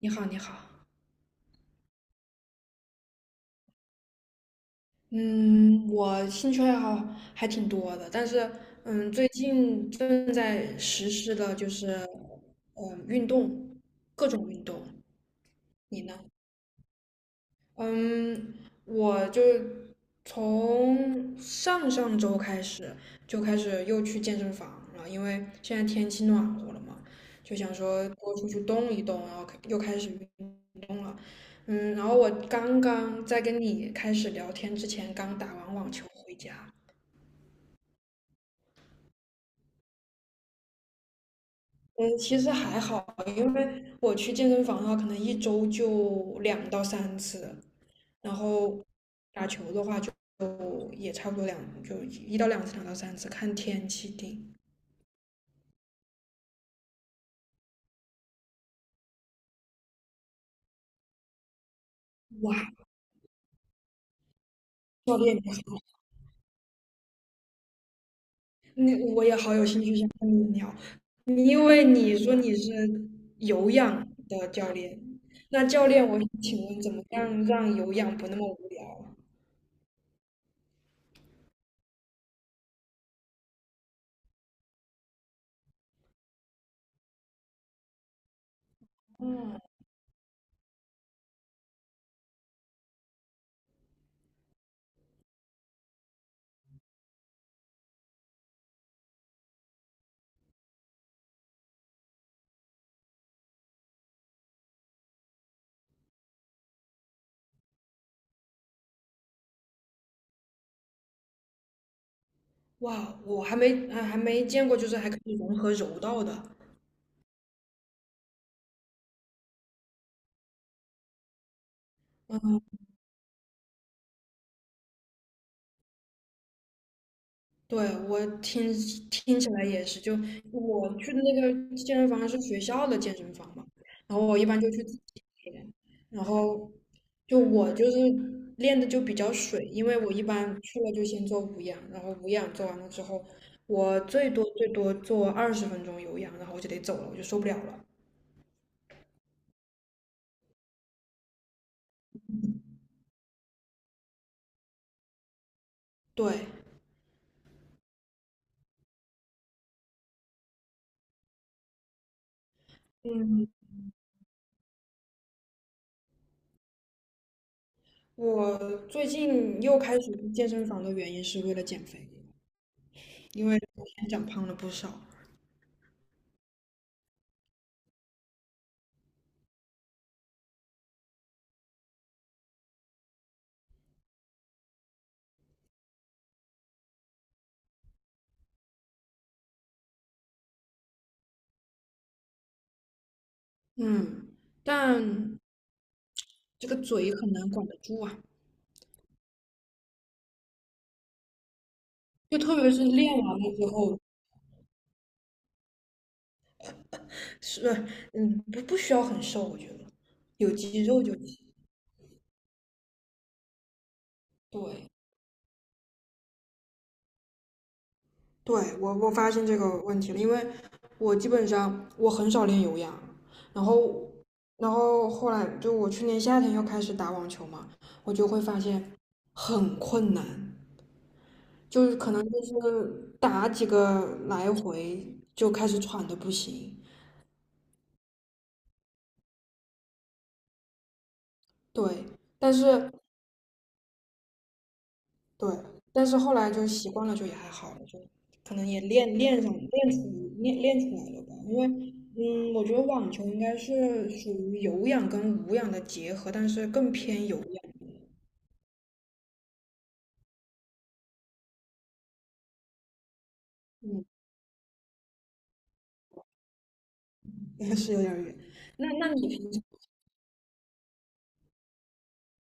你好，你好。嗯，我兴趣爱好还挺多的，但是最近正在实施的就是运动，各种运动。你呢？嗯，我就从上上周开始就开始又去健身房了，因为现在天气暖和了嘛，就想说多出去动一动，然后又开始运动了。然后我刚刚在跟你开始聊天之前，刚打完网球回家。嗯，其实还好，因为我去健身房的话，可能一周就两到三次，然后。打球的话。也差不多就1到2次，两到三次，看天气定。哇，教练，我也好有兴趣想跟你聊，因为你说你是有氧的教练，那教练，我请问怎么样让有氧不那么无聊？嗯，哇，我还没见过，就是还可以融合柔道的。对，我听起来也是，就我去的那个健身房是学校的健身房嘛，然后我一般就去自己练，然后我就是练的就比较水，因为我一般去了就先做无氧，然后无氧做完了之后，我最多最多做20分钟有氧，然后我就得走了，我就受不了了。对，嗯，我最近又开始去健身房的原因是为了减肥，因为之前长胖了不少。嗯，但这个嘴很难管得住啊，就特别是练完了之后，是，不需要很瘦，我觉得有肌肉就行。对，对，我发现这个问题了，因为我基本上我很少练有氧，然后后来就我去年夏天又开始打网球嘛，我就会发现很困难，就是可能就是打几个来回就开始喘的不行，对，但是对，但是后来就习惯了，就也还好了，就可能也练练上练出练练出来了吧。因为，我觉得网球应该是属于有氧跟无氧的结合，但是更偏有氧。嗯，是有点儿远。那你平常，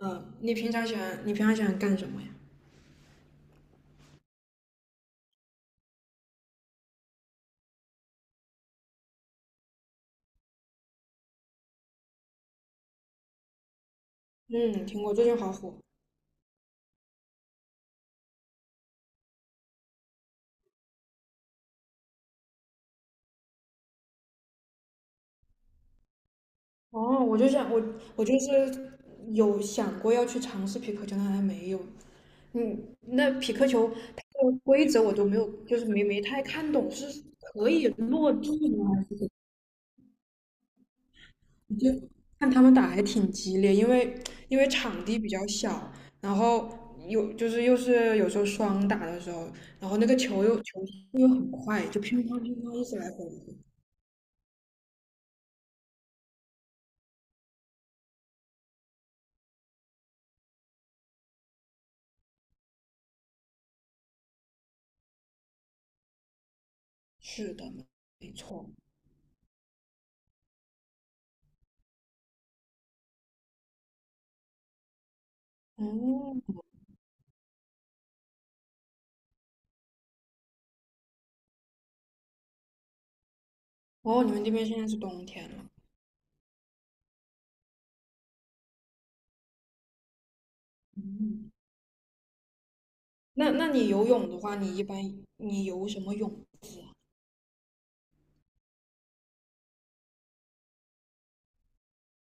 嗯，你平常喜欢干什么呀？嗯，听过，最近好火。哦，我就是有想过要去尝试皮克球，但还没有。那匹克球它的规则我都没有，就是没太看懂，是可以落地吗？还是怎么我就看他们打还挺激烈，因为场地比较小，然后有就是又是有时候双打的时候，然后那个球又球速又很快，就乒乓乒乓一直来回是的，没错。哦哦，你们这边现在是冬天了。嗯，那你游泳的话，你一般你游什么泳？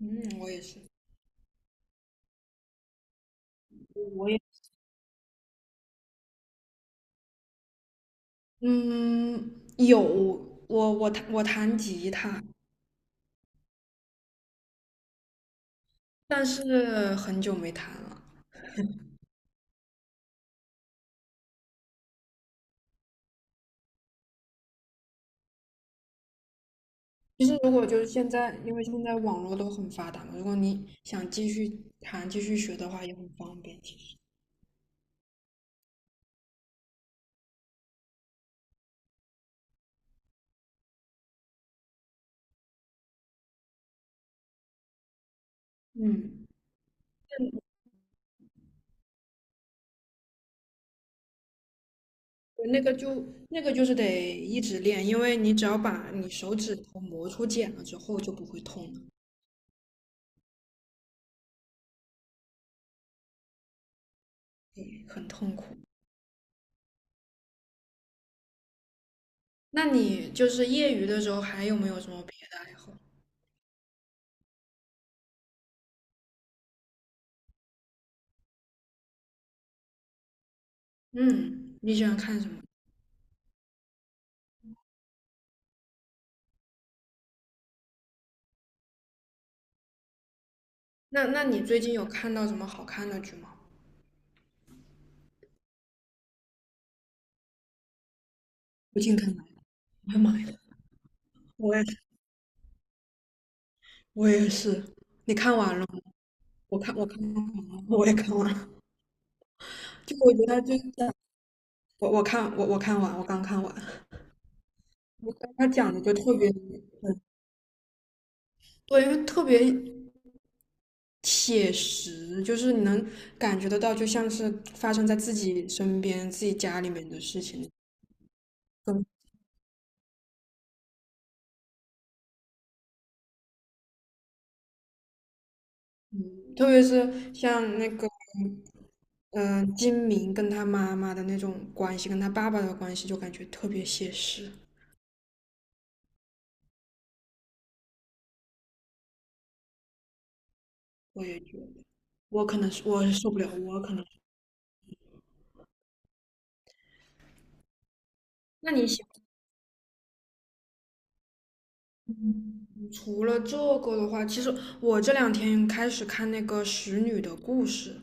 嗯，我也是。我也。嗯，有，我弹吉他，但是很久没弹了。其实如果就是现在，因为现在网络都很发达嘛，如果你想继续弹、继续学的话，也很方便。其实，嗯，对那个就是得一直练，因为你只要把你手指头磨出茧了之后，就不会痛了，对，很痛苦。那你就是业余的时候还有没有什么别的爱好？嗯，你喜欢看什么？那你最近有看到什么好看的剧吗？我进腾来了，我的妈呀！我也我也是，你看完了吗？我看完了，我也看完了。就我觉得他就是我看完，我刚看完。我觉他讲的就特别，嗯对，因为特别写实，就是你能感觉得到，就像是发生在自己身边、自己家里面的事情。嗯，特别是像那个金明跟他妈妈的那种关系，跟他爸爸的关系，就感觉特别写实。我也觉得。我可能是我受不了，我可能那你喜嗯除了这个的话，其实我这两天开始看那个《使女的故事》，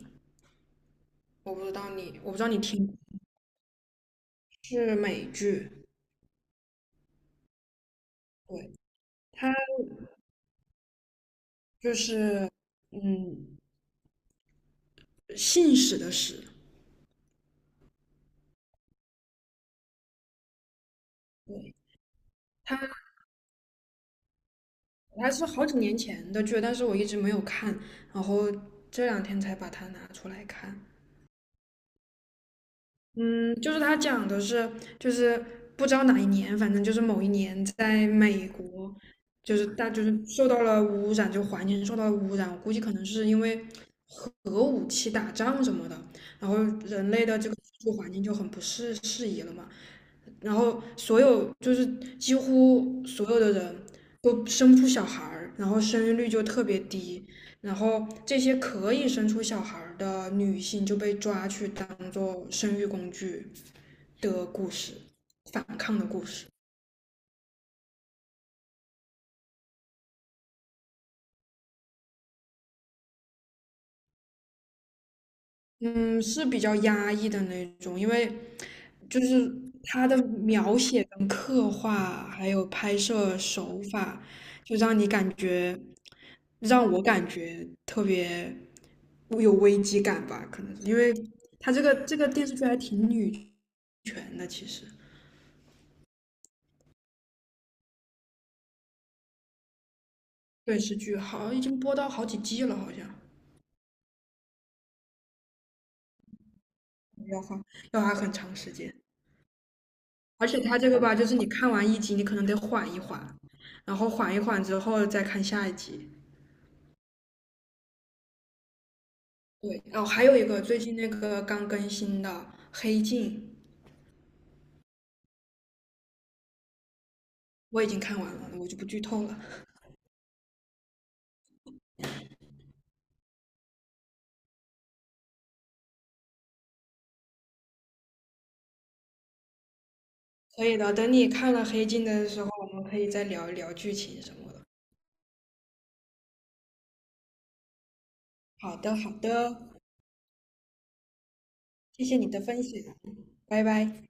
我不知道你听过是美剧，对，它就是嗯，信使的使，对，它它是好几年前的剧，但是我一直没有看，然后这两天才把它拿出来看。嗯，就是他讲的是，就是不知道哪一年，反正就是某一年，在美国，就是大就是受到了污染，就环境受到了污染，我估计可能是因为核武器打仗什么的，然后人类的这个居住环境就很不适宜了嘛。然后就是几乎所有的人都生不出小孩儿，然后生育率就特别低，然后这些可以生出小孩儿的女性就被抓去当做生育工具的故事，反抗的故事。嗯，是比较压抑的那种，因为就是他的描写跟刻画，还有拍摄手法，就让你感觉，让我感觉特别有危机感吧，可能是因为他这个电视剧还挺女权的，其实电视剧好已经播到好几季了，好像要花要花很长时间，而且他这个吧，就是你看完一集，你可能得缓一缓。然后缓一缓之后再看下一集。对，哦，还有一个最近那个刚更新的《黑镜》，我已经看完了，我就不剧透了。可以的，等你看了《黑镜》的时候，我们可以再聊一聊剧情什么的。好的，好的，谢谢你的分享，拜拜。